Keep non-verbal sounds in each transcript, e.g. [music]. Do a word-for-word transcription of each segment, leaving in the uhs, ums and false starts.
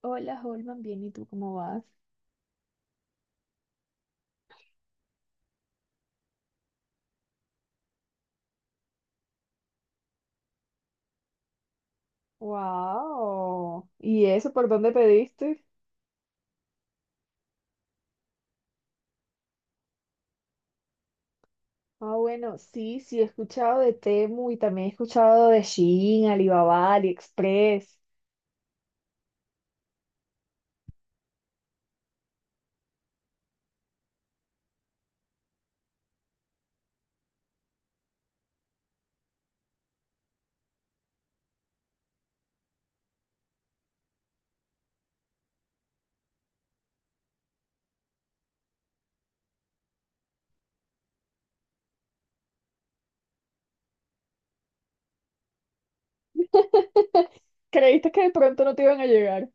Hola, Holman, bien, ¿y tú cómo vas? Wow. ¿Y eso por dónde pediste? Ah, bueno, sí, sí, he escuchado de Temu y también he escuchado de Shein, Alibaba, AliExpress. [laughs] ¿Creíste que de pronto no te iban a llegar?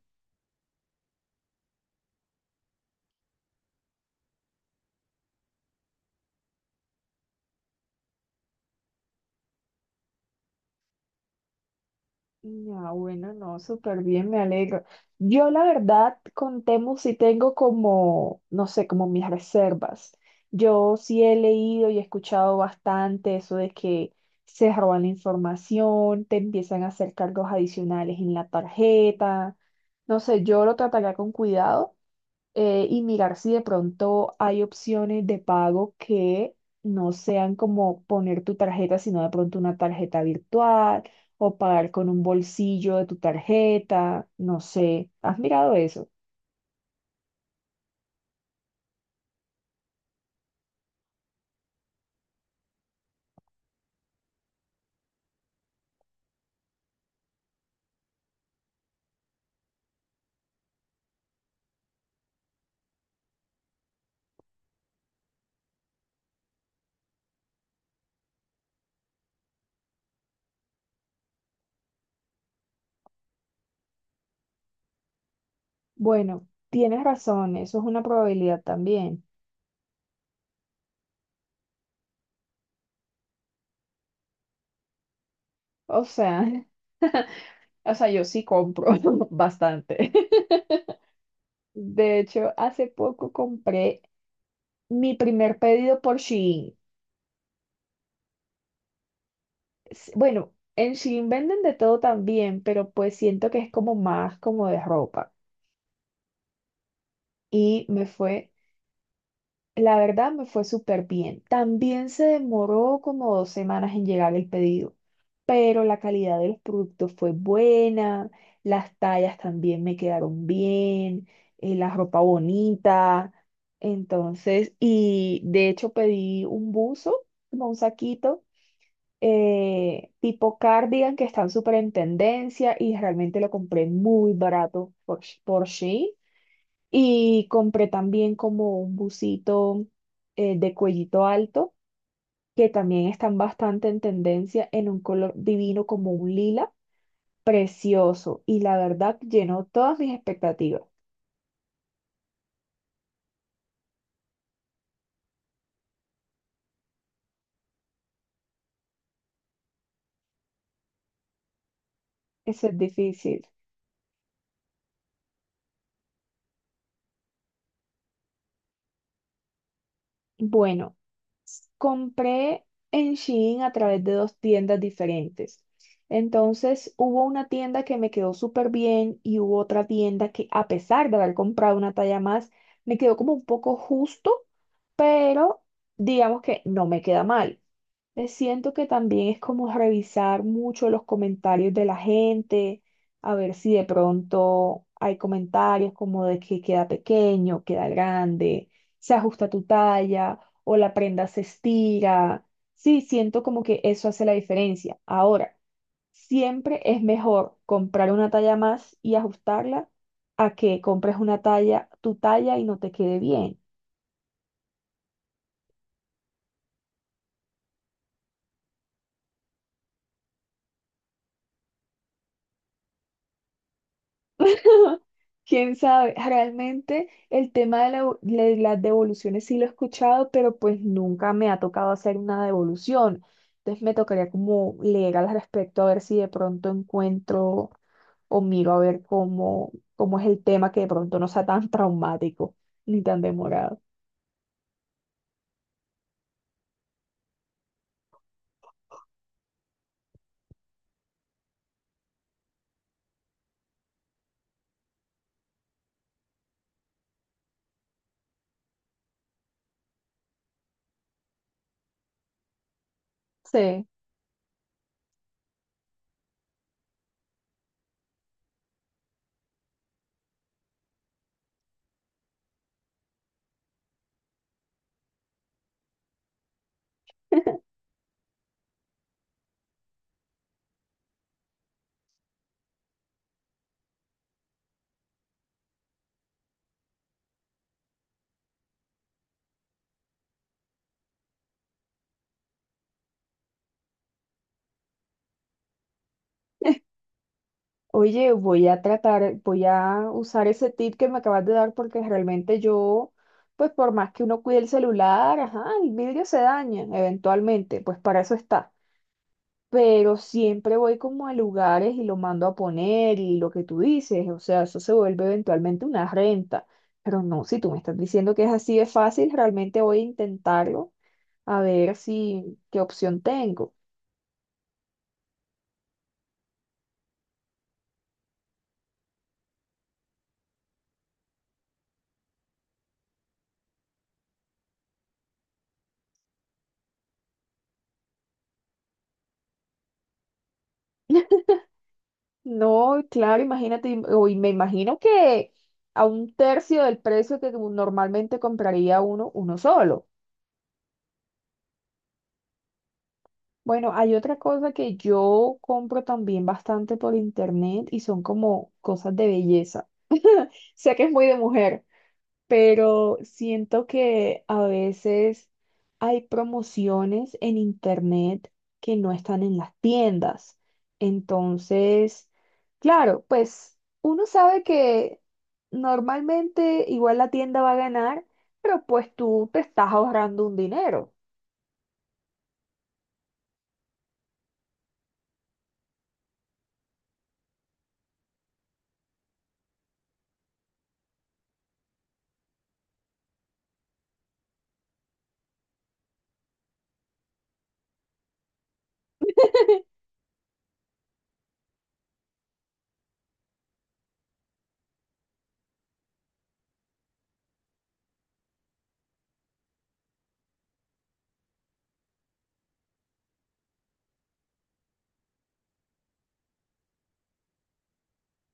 Ya, bueno, no, súper bien, me alegro. Yo la verdad con Temu sí tengo como, no sé, como mis reservas. Yo sí he leído y he escuchado bastante eso de que se roban la información, te empiezan a hacer cargos adicionales en la tarjeta. No sé, yo lo trataría con cuidado, eh, y mirar si de pronto hay opciones de pago que no sean como poner tu tarjeta, sino de pronto una tarjeta virtual o pagar con un bolsillo de tu tarjeta, no sé. ¿Has mirado eso? Bueno, tienes razón, eso es una probabilidad también. O sea, [laughs] o sea, yo sí compro [laughs] bastante. [laughs] De hecho, hace poco compré mi primer pedido por Shein. s- Bueno, en Shein venden de todo también, pero pues siento que es como más como de ropa. Y me fue, la verdad, me fue súper bien. También se demoró como dos semanas en llegar el pedido, pero la calidad de los productos fue buena, las tallas también me quedaron bien, eh, la ropa bonita. Entonces, y de hecho pedí un buzo, como un saquito, eh, tipo cardigan que están súper en tendencia y realmente lo compré muy barato por, Sh- por Shein. Y compré también como un busito, eh, de cuellito alto, que también están bastante en tendencia en un color divino como un lila, precioso, y la verdad llenó todas mis expectativas. Eso es difícil. Bueno, compré en Shein a través de dos tiendas diferentes. Entonces, hubo una tienda que me quedó súper bien y hubo otra tienda que, a pesar de haber comprado una talla más, me quedó como un poco justo, pero digamos que no me queda mal. Eh, Siento que también es como revisar mucho los comentarios de la gente, a ver si de pronto hay comentarios como de que queda pequeño, queda grande, se ajusta tu talla o la prenda se estira. Sí, siento como que eso hace la diferencia. Ahora, siempre es mejor comprar una talla más y ajustarla a que compres una talla, tu talla, y no te quede bien. Quién sabe, realmente el tema de, la- de las devoluciones sí lo he escuchado, pero pues nunca me ha tocado hacer una devolución. Entonces me tocaría como leer al respecto a ver si de pronto encuentro o miro a ver cómo, cómo es el tema, que de pronto no sea tan traumático ni tan demorado. Sí. Oye, voy a tratar, voy a usar ese tip que me acabas de dar porque realmente yo, pues por más que uno cuide el celular, ajá, el vidrio se daña eventualmente, pues para eso está. Pero siempre voy como a lugares y lo mando a poner y lo que tú dices, o sea, eso se vuelve eventualmente una renta. Pero no, si tú me estás diciendo que es así de fácil, realmente voy a intentarlo a ver si qué opción tengo. No, claro, imagínate, im- o y me imagino que a un tercio del precio que normalmente compraría uno, uno solo. Bueno, hay otra cosa que yo compro también bastante por internet y son como cosas de belleza. Sé que es muy de mujer, pero siento que a veces hay promociones en internet que no están en las tiendas. Entonces, claro, pues uno sabe que normalmente igual la tienda va a ganar, pero pues tú te estás ahorrando un dinero.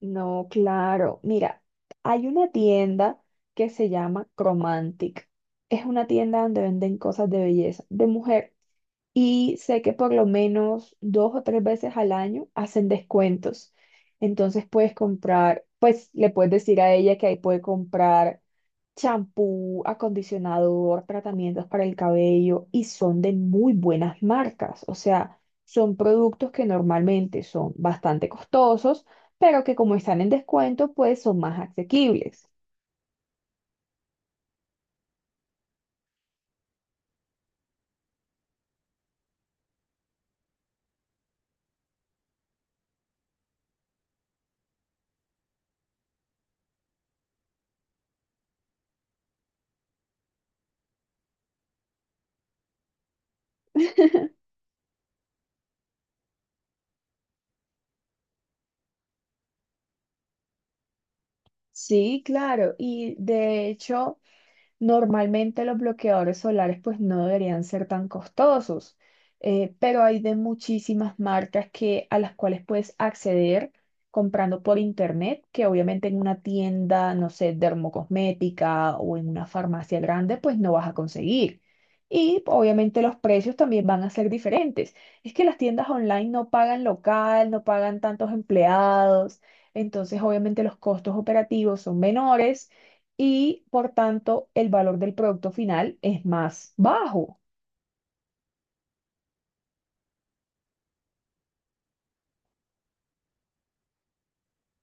No, claro. Mira, hay una tienda que se llama Cromantic. Es una tienda donde venden cosas de belleza, de mujer. Y sé que por lo menos dos o tres veces al año hacen descuentos. Entonces puedes comprar, pues le puedes decir a ella que ahí puede comprar champú, acondicionador, tratamientos para el cabello y son de muy buenas marcas. O sea, son productos que normalmente son bastante costosos, pero que como están en descuento, pues son más asequibles. [laughs] Sí, claro. Y de hecho, normalmente los bloqueadores solares pues no deberían ser tan costosos, eh, pero hay de muchísimas marcas que, a las cuales puedes acceder comprando por internet, que obviamente en una tienda, no sé, dermocosmética o en una farmacia grande pues no vas a conseguir. Y obviamente los precios también van a ser diferentes. Es que las tiendas online no pagan local, no pagan tantos empleados, entonces obviamente los costos operativos son menores y por tanto el valor del producto final es más bajo.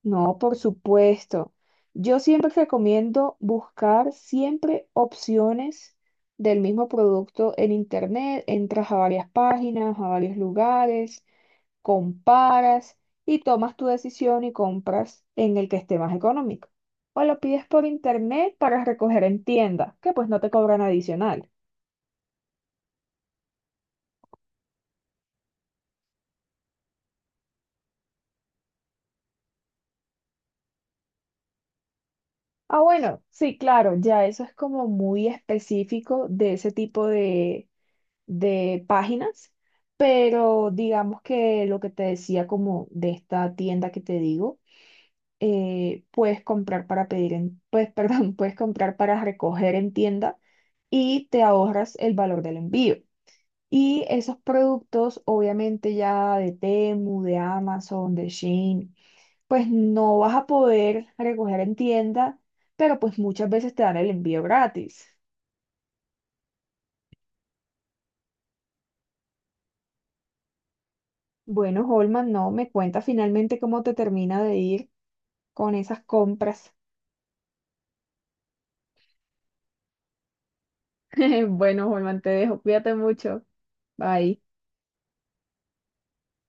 No, por supuesto. Yo siempre recomiendo buscar siempre opciones del mismo producto en internet, entras a varias páginas, a varios lugares, comparas y tomas tu decisión y compras en el que esté más económico. O lo pides por internet para recoger en tienda, que pues no te cobran adicional. Ah, bueno, sí, claro, ya eso es como muy específico de ese tipo de, de páginas, pero digamos que lo que te decía como de esta tienda que te digo, eh, puedes comprar para pedir en, pues, [laughs] perdón, puedes comprar para recoger en tienda y te ahorras el valor del envío. Y esos productos, obviamente ya de Temu, de Amazon, de Shein, pues no vas a poder recoger en tienda, pero pues muchas veces te dan el envío gratis. Bueno, Holman, no, me cuenta finalmente cómo te termina de ir con esas compras. [laughs] Bueno, Holman, te dejo. Cuídate mucho. Bye.